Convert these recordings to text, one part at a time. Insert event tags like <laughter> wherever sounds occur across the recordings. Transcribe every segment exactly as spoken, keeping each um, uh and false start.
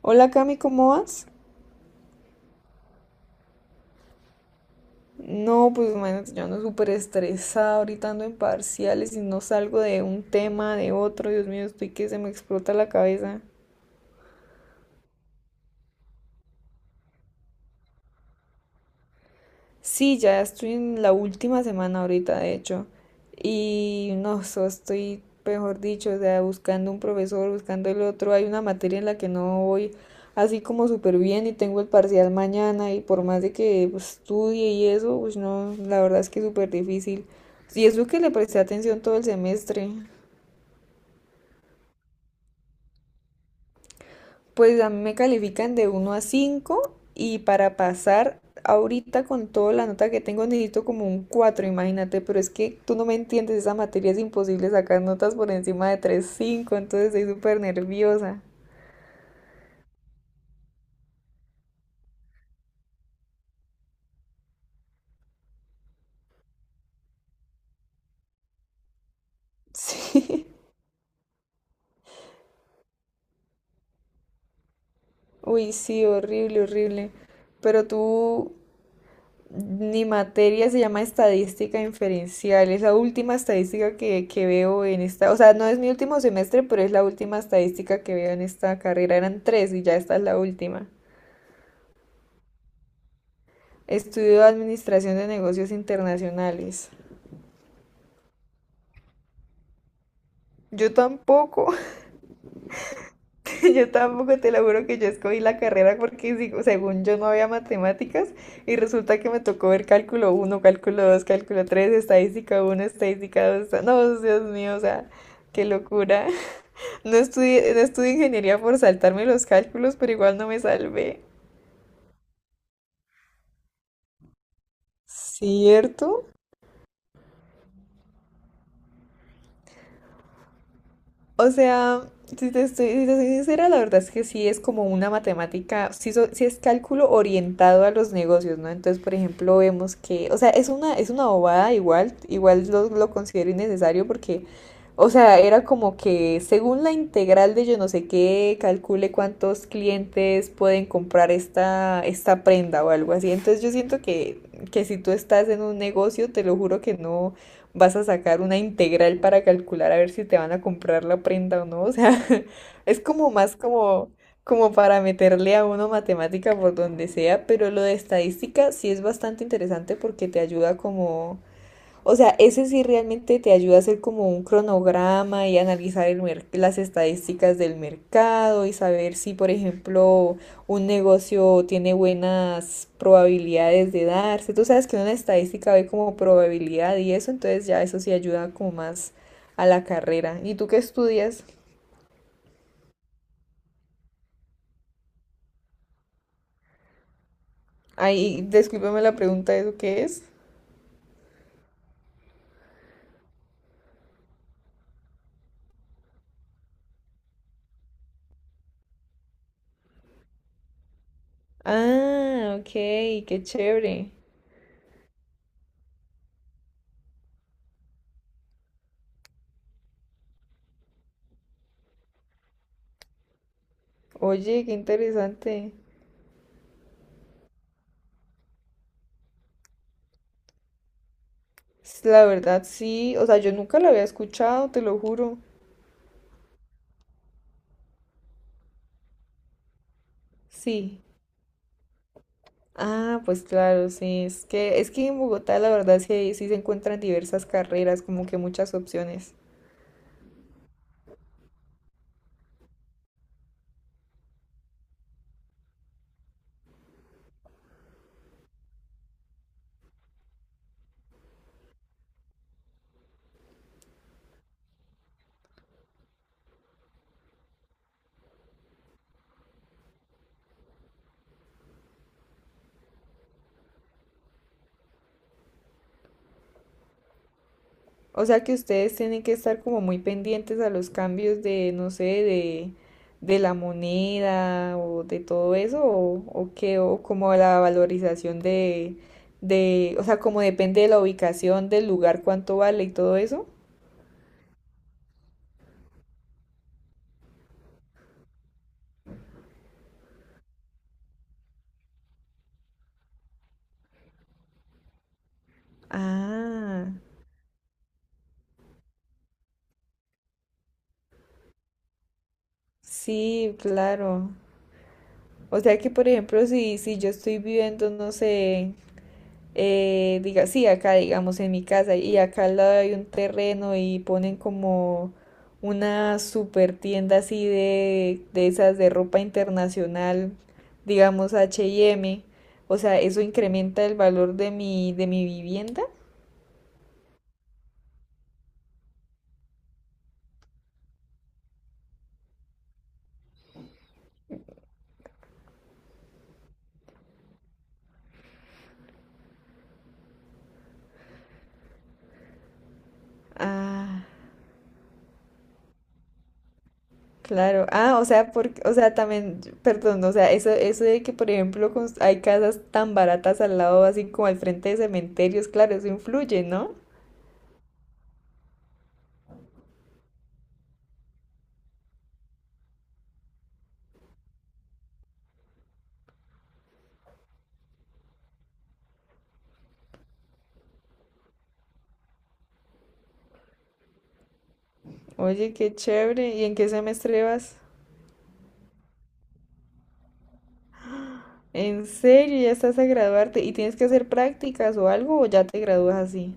Hola Cami, ¿cómo vas? No, pues imagínate, yo ando súper estresada, ahorita ando en parciales y no salgo de un tema, de otro, Dios mío, estoy que se me explota la cabeza. Sí, ya estoy en la última semana ahorita, de hecho. Y no, so- estoy, mejor dicho, o sea, buscando un profesor, buscando el otro. Hay una materia en la que no voy así como súper bien y tengo el parcial mañana y por más de que pues, estudie y eso, pues no, la verdad es que es súper difícil. Y eso que le presté atención todo el semestre. Pues a mí me califican de uno a cinco y para pasar ahorita con toda la nota que tengo necesito como un cuatro, imagínate, pero es que tú no me entiendes, esa materia es imposible sacar notas por encima de tres punto cinco, entonces estoy súper nerviosa. <laughs> Sí. Uy, sí, horrible, horrible. Pero tú, mi materia se llama Estadística Inferencial. Es la última estadística que, que veo en esta, o sea, no es mi último semestre, pero es la última estadística que veo en esta carrera. Eran tres y ya esta es la última. Estudio Administración de Negocios Internacionales. Yo tampoco, <laughs> yo tampoco, te lo juro, que yo escogí la carrera porque si- según yo no había matemáticas y resulta que me tocó ver cálculo uno, cálculo dos, cálculo tres, estadística uno, estadística dos. No, Dios mío, o sea, qué locura. No estudié, no estudié ingeniería por saltarme los cálculos, pero igual no me salvé. ¿Cierto? O sea, si te estoy, si te soy sincera, la verdad es que sí es como una matemática, sí, so- sí es cálculo orientado a los negocios, ¿no? Entonces, por ejemplo, vemos que, o sea, es una, es una bobada, igual, igual lo, lo considero innecesario porque, o sea, era como que según la integral de yo no sé qué, calcule cuántos clientes pueden comprar esta, esta prenda o algo así. Entonces, yo siento que, que si tú estás en un negocio, te lo juro que no vas a sacar una integral para calcular a ver si te van a comprar la prenda o no. O sea, <laughs> es como más como, como para meterle a uno matemática por donde sea, pero lo de estadística sí es bastante interesante porque te ayuda como, o sea, ese sí realmente te ayuda a hacer como un cronograma y analizar el mer- las estadísticas del mercado y saber si, por ejemplo, un negocio tiene buenas probabilidades de darse. Tú sabes que una estadística ve como probabilidad y eso, entonces ya eso sí ayuda como más a la carrera. ¿Y tú qué estudias? Ay, discúlpame la pregunta, ¿eso qué es? Ah, ok, qué chévere. Oye, qué interesante. S- La verdad, sí. O sea, yo nunca la había escuchado, te lo juro. Sí. Ah, pues claro, sí. Es que, es que en Bogotá, la verdad, sí, sí se encuentran diversas carreras, como que muchas opciones. O sea que ustedes tienen que estar como muy pendientes a los cambios de, no sé, de, de la moneda o de todo eso, o, o qué, o como la valorización de, de, o sea, como depende de la ubicación del lugar, cuánto vale y todo eso. Ah. Sí, claro. O sea que, por ejemplo, si, si yo estoy viviendo, no sé, eh, diga, sí, acá, digamos, en mi casa, y acá al lado hay un terreno y ponen como una super tienda así de, de esas de ropa internacional, digamos H y M. O sea, ¿eso incrementa el valor de mi, de mi vivienda? Ah. Claro, ah, o sea, porque, o sea, también, perdón, o sea, eso, eso de que, por ejemplo, cons- hay casas tan baratas al lado, así como al frente de cementerios, claro, eso influye, ¿no? Oye, qué chévere, ¿y en qué semestre vas? ¿En serio? ¿Ya estás a graduarte? ¿Y tienes que hacer prácticas o algo o ya te gradúas así?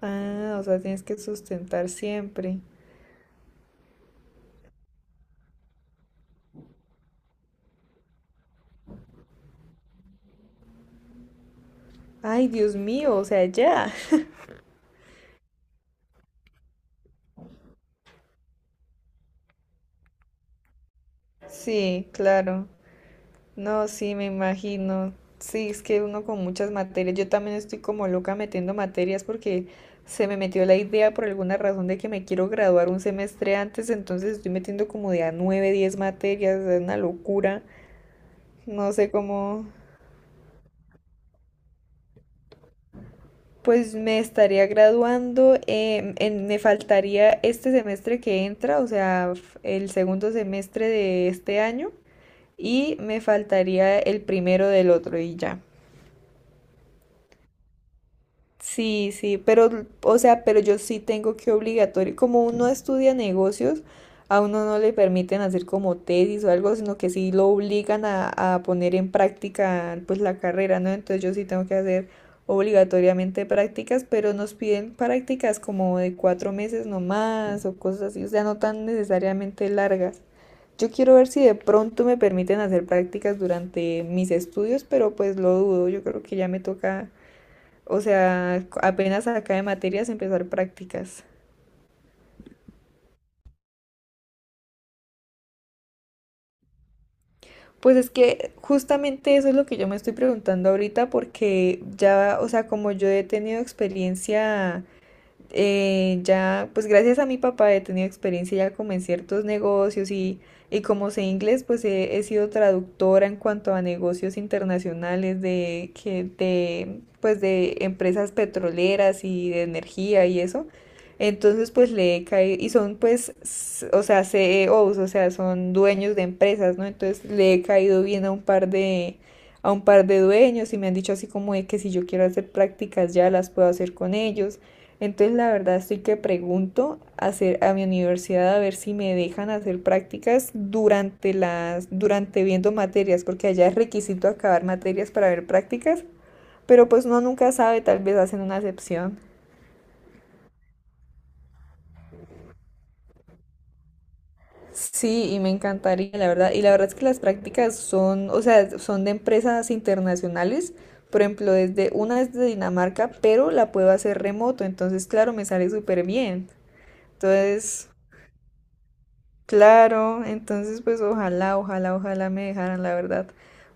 Ah, o sea, tienes que sustentar siempre. Ay, Dios mío, o sea, ya. <laughs> Sí, claro. No, sí, me imagino. Sí, es que uno con muchas materias, yo también estoy como loca metiendo materias porque se me metió la idea por alguna razón de que me quiero graduar un semestre antes, entonces estoy metiendo como de a nueve, diez materias, es una locura. No sé cómo, pues me estaría graduando, eh, en- me faltaría este semestre que entra, o sea, f- el segundo semestre de este año y me faltaría el primero del otro y ya. Sí, sí, pero, o sea, pero yo sí tengo que obligatorio, como uno estudia negocios, a uno no le permiten hacer como tesis o algo, sino que sí lo obligan a, a poner en práctica pues la carrera, ¿no? Entonces yo sí tengo que hacer obligatoriamente prácticas, pero nos piden prácticas como de cuatro meses nomás o cosas así, o sea, no tan necesariamente largas. Yo quiero ver si de pronto me permiten hacer prácticas durante mis estudios, pero pues lo dudo, yo creo que ya me toca, o sea, apenas acá de materias empezar prácticas. Pues es que justamente eso es lo que yo me estoy preguntando ahorita porque ya, o sea, como yo he tenido experiencia, eh, ya, pues gracias a mi papá he tenido experiencia ya como en ciertos negocios y, y como sé inglés, pues he, he sido traductora en cuanto a negocios internacionales de, que, de, pues de empresas petroleras y de energía y eso. Entonces, pues le he caído, y son pues, s- o sea, C E Os, o sea, son dueños de empresas, ¿no? Entonces le he caído bien a un par de, a un par de dueños y me han dicho así como de que si yo quiero hacer prácticas ya las puedo hacer con ellos. Entonces, la verdad, estoy que pregunto a hacer a mi universidad a ver si me dejan hacer prácticas durante las, durante viendo materias, porque allá es requisito acabar materias para ver prácticas, pero pues uno nunca sabe, tal vez hacen una excepción. Sí, y me encantaría, la verdad. Y la verdad es que las prácticas son, o sea, son de empresas internacionales. Por ejemplo, desde una es de Dinamarca, pero la puedo hacer remoto, entonces claro, me sale súper bien. Entonces, claro, entonces pues ojalá, ojalá, ojalá me dejaran, la verdad.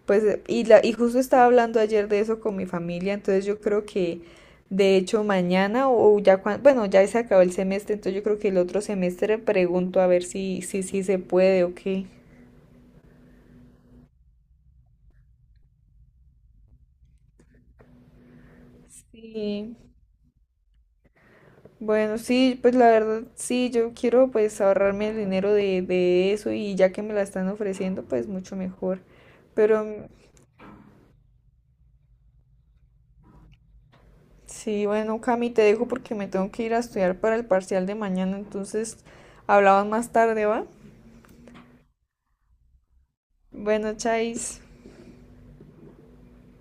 Pues eh, y la y justo estaba hablando ayer de eso con mi familia, entonces yo creo que de hecho mañana o ya cuando, bueno, ya se acabó el semestre, entonces yo creo que el otro semestre pregunto a ver si si si se puede o qué. Sí. Bueno, sí, pues la verdad sí, yo quiero pues ahorrarme el dinero de de eso y ya que me la están ofreciendo, pues mucho mejor. Pero sí, bueno, Cami, te dejo porque me tengo que ir a estudiar para el parcial de mañana, entonces hablamos más tarde, ¿va? Bueno, chais.